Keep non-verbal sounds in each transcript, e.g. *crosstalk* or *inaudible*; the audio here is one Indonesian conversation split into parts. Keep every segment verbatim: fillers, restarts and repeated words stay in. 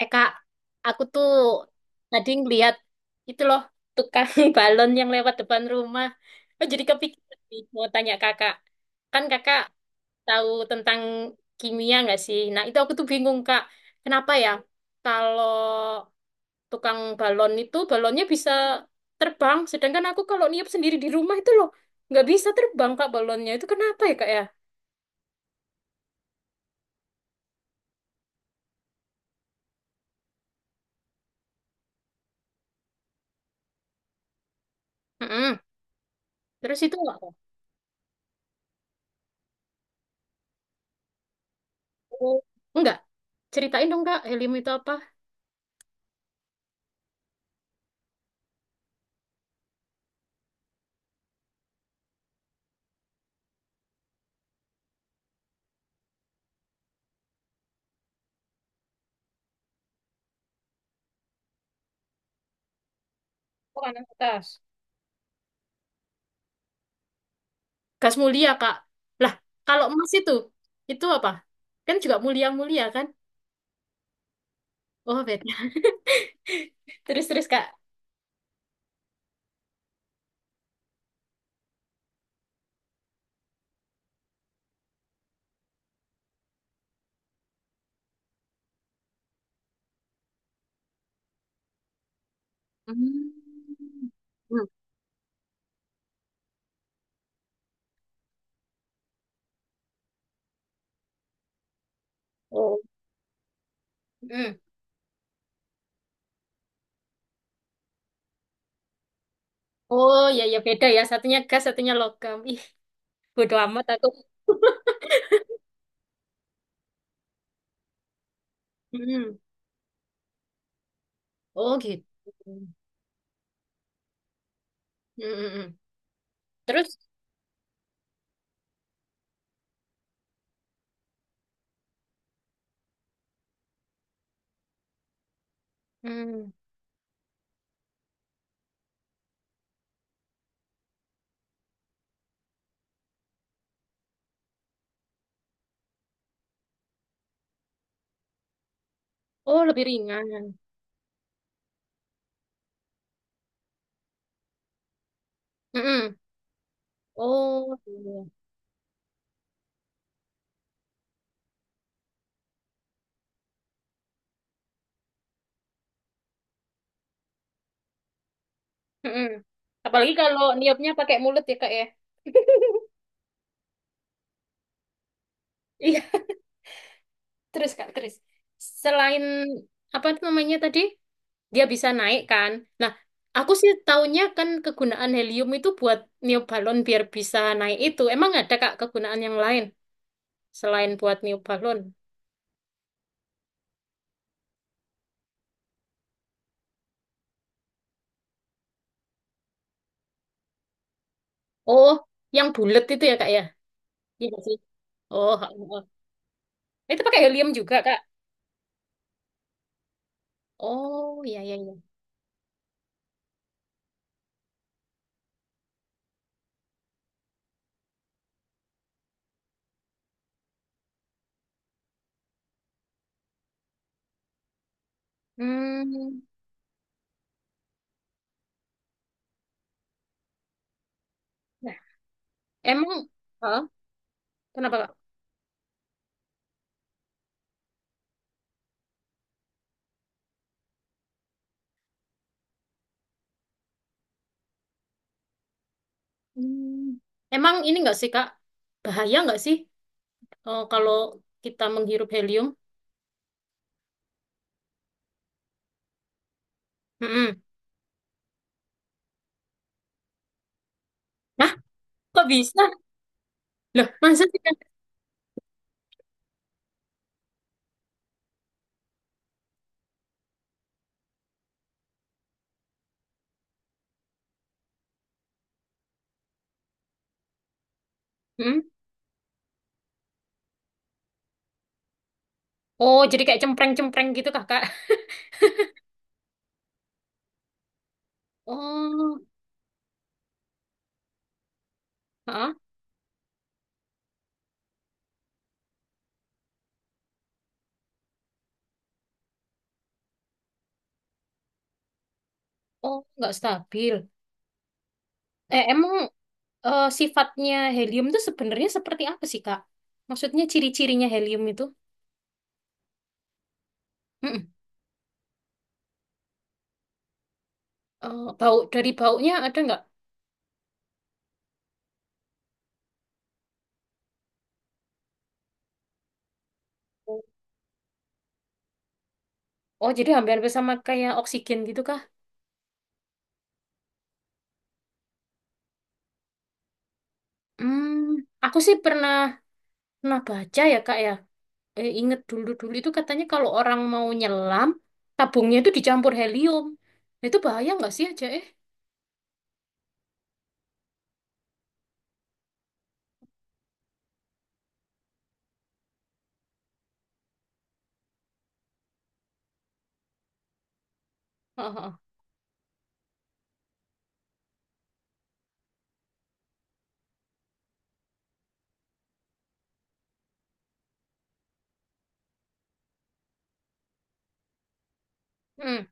Eh kak, aku tuh tadi ngeliat itu loh tukang *laughs* balon yang lewat depan rumah. Oh, jadi kepikiran nih, mau tanya kakak. Kan kakak tahu tentang kimia nggak sih? Nah itu aku tuh bingung kak, kenapa ya kalau tukang balon itu balonnya bisa terbang, sedangkan aku kalau niup sendiri di rumah itu loh nggak bisa terbang kak balonnya. Itu kenapa ya kak ya? Mm-mm. Terus itu nggak? Kak? Oh, enggak. Ceritain dong kak, helium itu apa? Bukan atas. Gas mulia, Kak. Lah, kalau emas itu, itu apa? Kan juga mulia-mulia, kan? Oh, beda. *laughs* Terus-terus, Kak. Hmm. Hmm. Oh. Hmm. Oh, ya, ya, beda ya. Satunya gas, satunya logam. Ih, bodo amat aku. *laughs* Hmm. Oh, gitu. Hmm. Hmm, hmm. Terus? Hmm. Oh, lebih ringan. Hmm, hmm. Oh, iya. Hmm, hmm. Apalagi kalau niupnya pakai mulut ya, Kak, ya. *laughs* Iya, terus Kak, terus. Selain apa itu namanya tadi? Dia bisa naik kan. Nah, aku sih taunya kan kegunaan helium itu buat niup balon biar bisa naik itu. Emang ada Kak kegunaan yang lain selain buat niup balon? Oh, yang bulat itu ya Kak ya? Iya nggak sih. Oh, oh, oh. Itu pakai helium juga Kak. Oh, iya iya iya. Hmm. Nah, emang. Hah? Kenapa Kak? Hmm. Emang ini nggak sih Kak? Bahaya nggak sih eh, kalau kita menghirup helium? Mm-mm. Hah? Kok bisa? Loh, masa sih Kak? Hmm? Oh, jadi kayak cempreng-cempreng gitu kakak. Oh, ah. Oh, nggak stabil. Eh, emang eh, sifatnya helium itu sebenarnya seperti apa sih kak? Maksudnya ciri-cirinya helium itu? Mm-mm. Eh, bau dari baunya ada nggak? Oh, jadi hampir-hampir sama kayak oksigen gitu kah? Hmm, aku sih pernah pernah baca ya kak ya. Eh, inget dulu-dulu itu katanya kalau orang mau nyelam, tabungnya itu dicampur helium. Nah, itu bahaya nggak sih aja eh? Heeh. Hmm.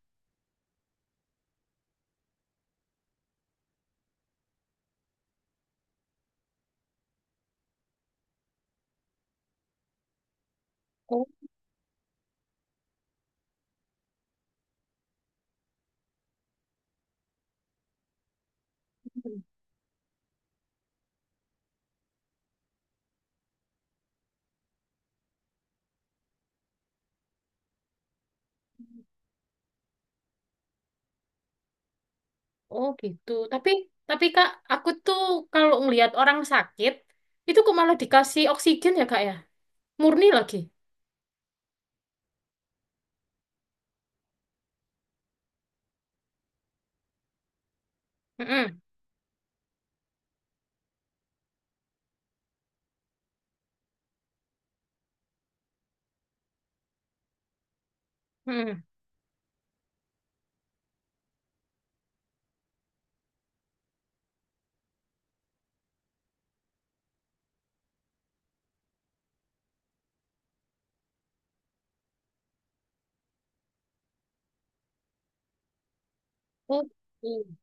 Oh. Oh gitu. Tapi tapi Kak, aku tuh kalau ngelihat orang sakit itu kok malah dikasih oksigen ya Kak ya? Murni lagi. Mm-mm. Mm-mm. Oh, mm.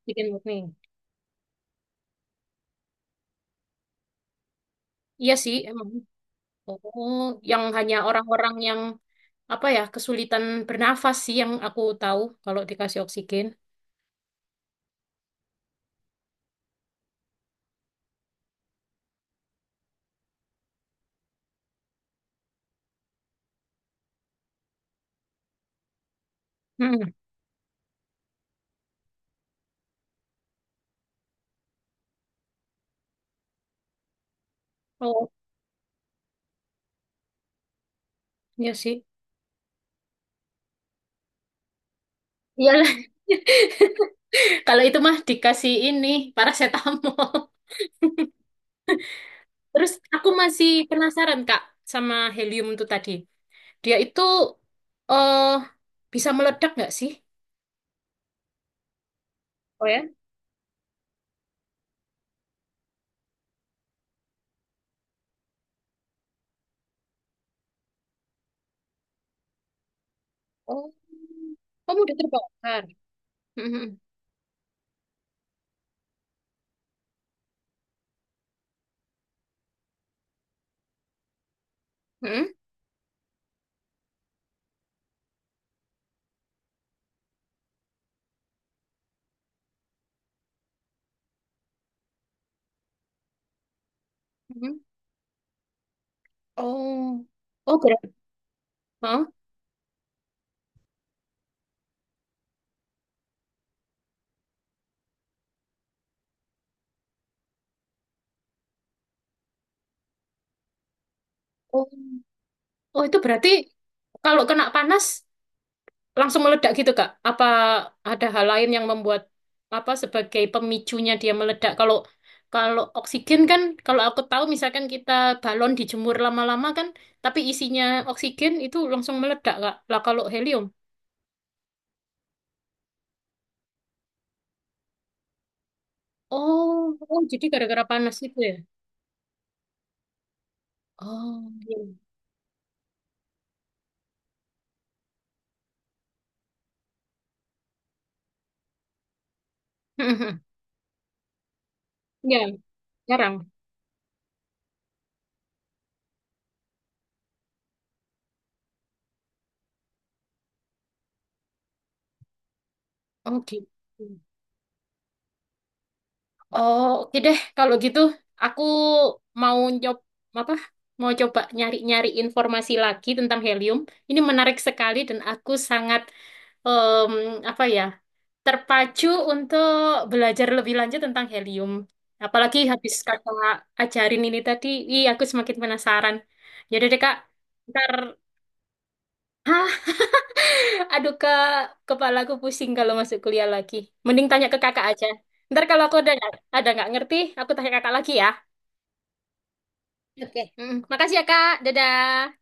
Oksigen murni. Iya sih, emang. Oh, yang hanya orang-orang yang apa ya kesulitan bernafas sih yang aku tahu kalau dikasih oksigen. Mm. Oh, iya sih. Iyalah. *laughs* Kalau itu mah dikasih ini parasetamol. *laughs* Terus aku masih penasaran Kak sama helium itu tadi. Dia itu eh bisa meledak nggak sih? Oh ya? Oh, kamu udah terbakar. Mhm. Mhm. Mhm. Oh, oh berarti. Hah? Oh, oh itu berarti kalau kena panas langsung meledak gitu Kak? Apa ada hal lain yang membuat apa sebagai pemicunya dia meledak? Kalau kalau oksigen kan, kalau aku tahu misalkan kita balon dijemur lama-lama kan, tapi isinya oksigen itu langsung meledak Kak. Lah kalau helium? Oh, oh jadi gara-gara panas itu ya? Oh, iya. *laughs* Ya, jarang. Oh, gitu. Oh, oke deh. Kalau gitu, aku mau nyob apa? Mau coba nyari-nyari informasi lagi tentang helium. Ini menarik sekali dan aku sangat em, apa ya? Terpacu untuk belajar lebih lanjut tentang helium. Apalagi habis kakak ajarin ini tadi, ih aku semakin penasaran. Yaudah deh kak, ntar. Aduh kak, kepala aku pusing kalau masuk kuliah lagi. Mending tanya ke kakak aja. Ntar kalau aku ada ada nggak ngerti, aku tanya kakak lagi ya. Oke. Mm, makasih ya kak, dadah.